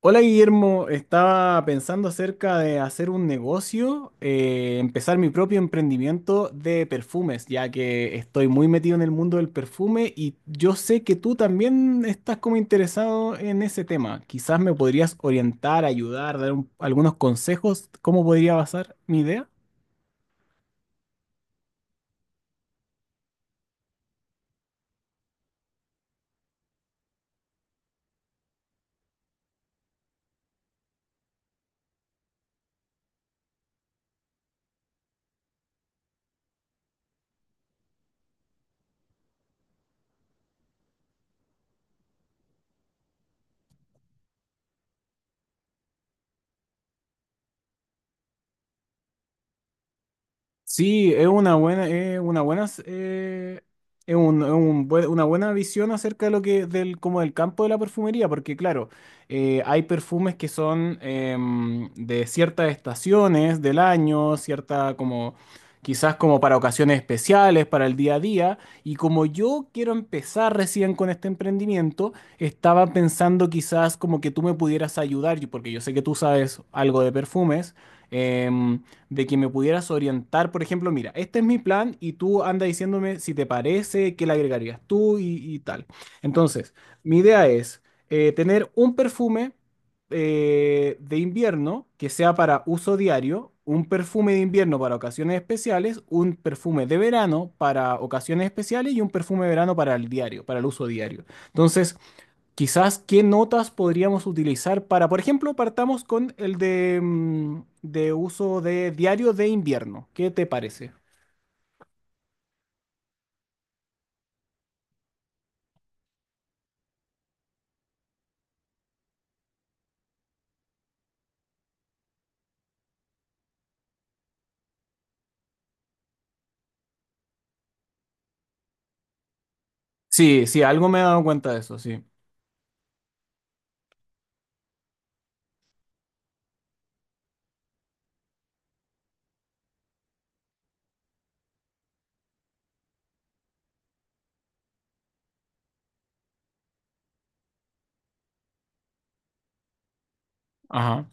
Hola Guillermo, estaba pensando acerca de hacer un negocio, empezar mi propio emprendimiento de perfumes, ya que estoy muy metido en el mundo del perfume y yo sé que tú también estás como interesado en ese tema. Quizás me podrías orientar, ayudar, algunos consejos, cómo podría basar mi idea. Sí, es una buena, una buena visión acerca de lo que, del, como del campo de la perfumería, porque claro, hay perfumes que son de ciertas estaciones del año, cierta como, quizás como para ocasiones especiales, para el día a día, y como yo quiero empezar recién con este emprendimiento, estaba pensando quizás como que tú me pudieras ayudar, porque yo sé que tú sabes algo de perfumes. em, de que me pudieras orientar, por ejemplo, mira, este es mi plan y tú anda diciéndome si te parece, qué le agregarías tú y tal. Entonces, mi idea es tener un perfume de invierno que sea para uso diario, un perfume de invierno para ocasiones especiales, un perfume de verano para ocasiones especiales y un perfume de verano para el diario, para el uso diario. Entonces, quizás qué notas podríamos utilizar para, por ejemplo, partamos con el de de uso de diario de invierno. ¿Qué te parece? Sí, sí, algo me he dado cuenta de eso, sí. Ajá.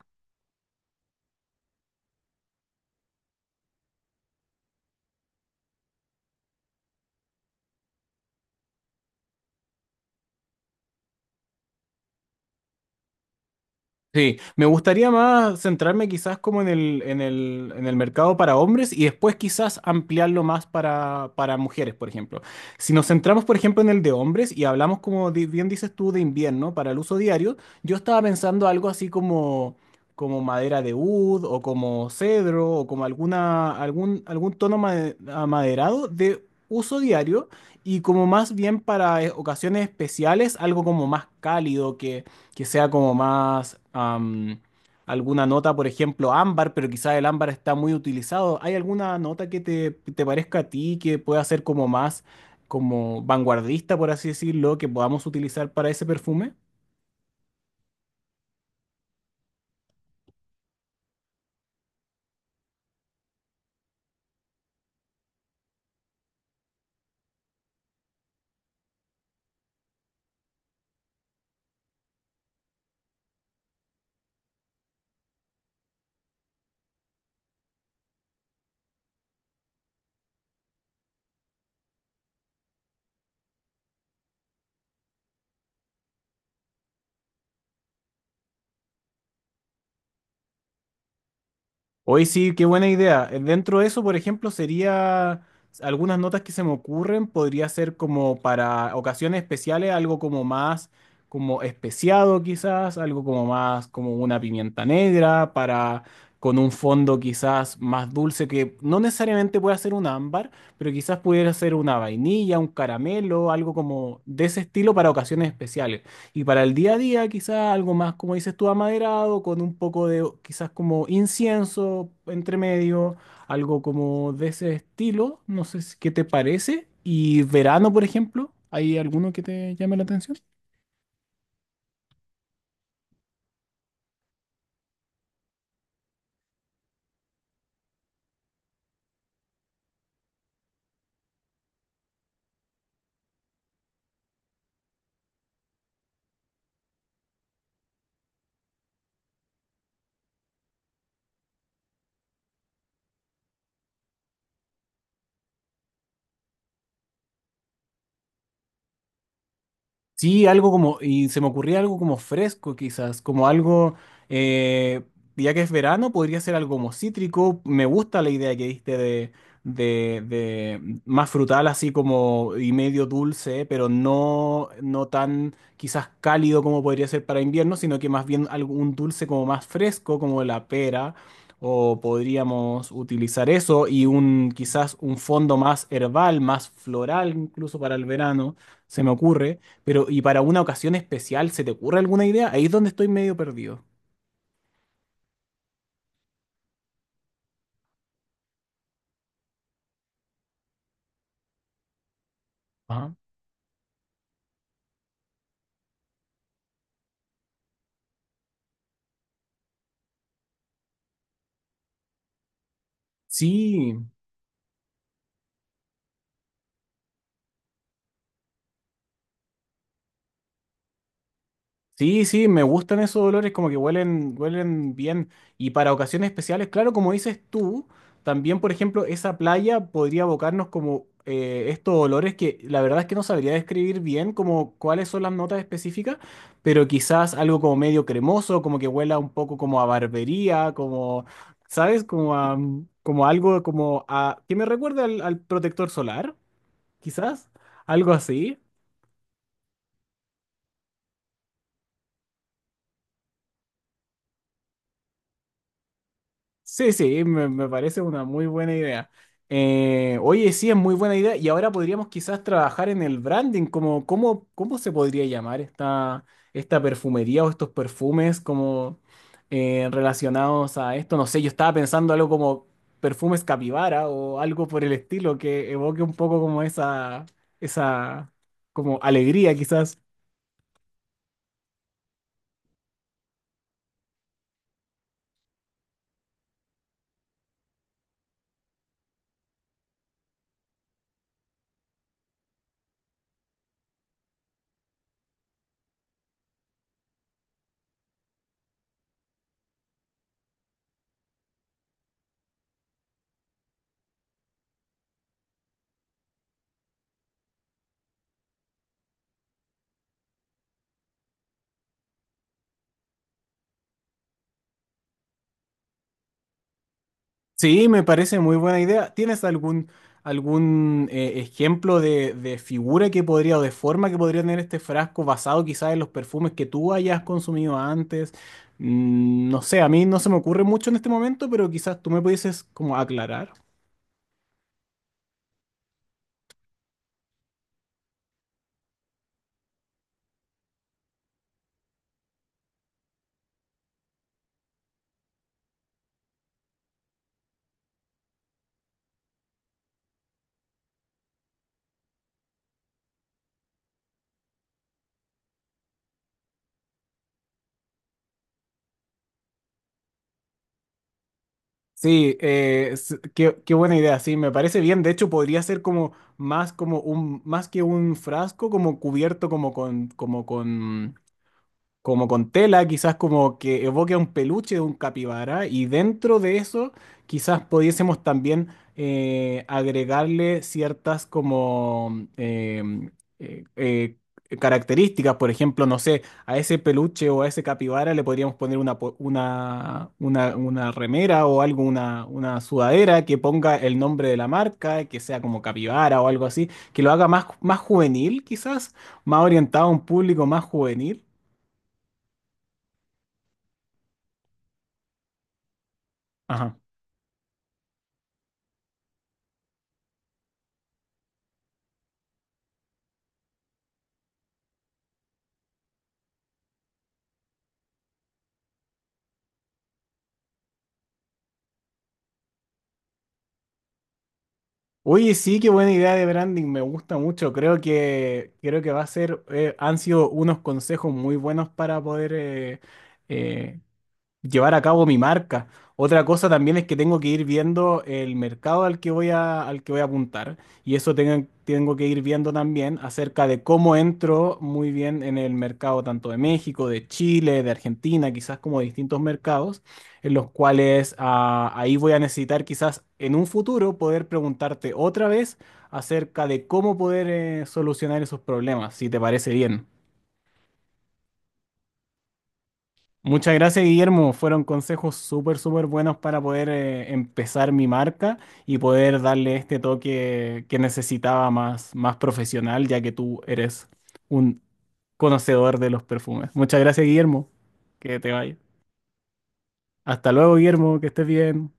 Sí, me gustaría más centrarme quizás como en el mercado para hombres y después quizás ampliarlo más para mujeres, por ejemplo. Si nos centramos, por ejemplo, en el de hombres y hablamos, bien dices tú, de invierno para el uso diario, yo estaba pensando algo así como, como madera de oud o como cedro o como algún tono amaderado de uso diario y como más bien para ocasiones especiales, algo como más cálido que sea como más alguna nota, por ejemplo, ámbar, pero quizás el ámbar está muy utilizado. ¿Hay alguna nota que te parezca a ti que pueda ser como más como vanguardista, por así decirlo, que podamos utilizar para ese perfume? Hoy sí, qué buena idea. Dentro de eso, por ejemplo, sería algunas notas que se me ocurren, podría ser como para ocasiones especiales, algo como más como especiado quizás, algo como más como una pimienta negra para con un fondo quizás más dulce que no necesariamente pueda ser un ámbar, pero quizás pudiera ser una vainilla, un caramelo, algo como de ese estilo para ocasiones especiales. Y para el día a día, quizás algo más, como dices tú, amaderado, con un poco de quizás como incienso entre medio, algo como de ese estilo. No sé si- qué te parece. Y verano, por ejemplo, ¿hay alguno que te llame la atención? Sí, algo como, y se me ocurría algo como fresco quizás, como algo, eh, ya que es verano, podría ser algo como cítrico. Me gusta la idea que diste de más frutal, así como y medio dulce, pero no tan quizás cálido como podría ser para invierno, sino que más bien algún dulce como más fresco, como la pera, o podríamos utilizar eso y un quizás un fondo más herbal, más floral incluso para el verano, se me ocurre. Pero, ¿y para una ocasión especial se te ocurre alguna idea? Ahí es donde estoy medio perdido. Ajá. Sí, sí, sí, me gustan esos olores, como que huelen, huelen bien. Y para ocasiones especiales, claro, como dices tú, también, por ejemplo, esa playa podría abocarnos como estos olores que la verdad es que no sabría describir bien como cuáles son las notas específicas, pero quizás algo como medio cremoso, como que huela un poco como a barbería, como, ¿sabes? Como a, como algo como a, que me recuerda al protector solar, quizás, algo así. Sí, sí, me parece una muy buena idea. Oye, sí, es muy buena idea. Y ahora podríamos quizás trabajar en el branding, como, ¿cómo se podría llamar esta, esta perfumería o estos perfumes como relacionados a esto? No sé, yo estaba pensando algo como perfumes capibara o algo por el estilo que evoque un poco como esa como alegría quizás. Sí, me parece muy buena idea. ¿Tienes algún, algún ejemplo de figura que podría o de forma que podría tener este frasco basado quizás en los perfumes que tú hayas consumido antes? Mm, no sé, a mí no se me ocurre mucho en este momento, pero quizás tú me pudieses como aclarar. Sí, qué, qué buena idea, sí, me parece bien. De hecho, podría ser como más como un, más que un frasco, como cubierto como con tela, quizás como que evoque a un peluche de un capibara, y dentro de eso quizás pudiésemos también agregarle ciertas como eh, eh, características, por ejemplo, no sé, a ese peluche o a ese capibara le podríamos poner una remera o algo, una sudadera que ponga el nombre de la marca, que sea como capibara o algo así, que lo haga más, más juvenil quizás, más orientado a un público más juvenil. Ajá. Oye, sí, qué buena idea de branding, me gusta mucho. Creo que va a ser, han sido unos consejos muy buenos para poder eh, llevar a cabo mi marca. Otra cosa también es que tengo que ir viendo el mercado al que voy a apuntar y eso tengo, tengo que ir viendo también acerca de cómo entro muy bien en el mercado tanto de México, de Chile, de Argentina, quizás como de distintos mercados en los cuales ahí voy a necesitar quizás en un futuro poder preguntarte otra vez acerca de cómo poder solucionar esos problemas, si te parece bien. Muchas gracias, Guillermo. Fueron consejos súper, súper buenos para poder empezar mi marca y poder darle este toque que necesitaba más, más profesional, ya que tú eres un conocedor de los perfumes. Muchas gracias, Guillermo. Que te vaya. Hasta luego, Guillermo. Que estés bien.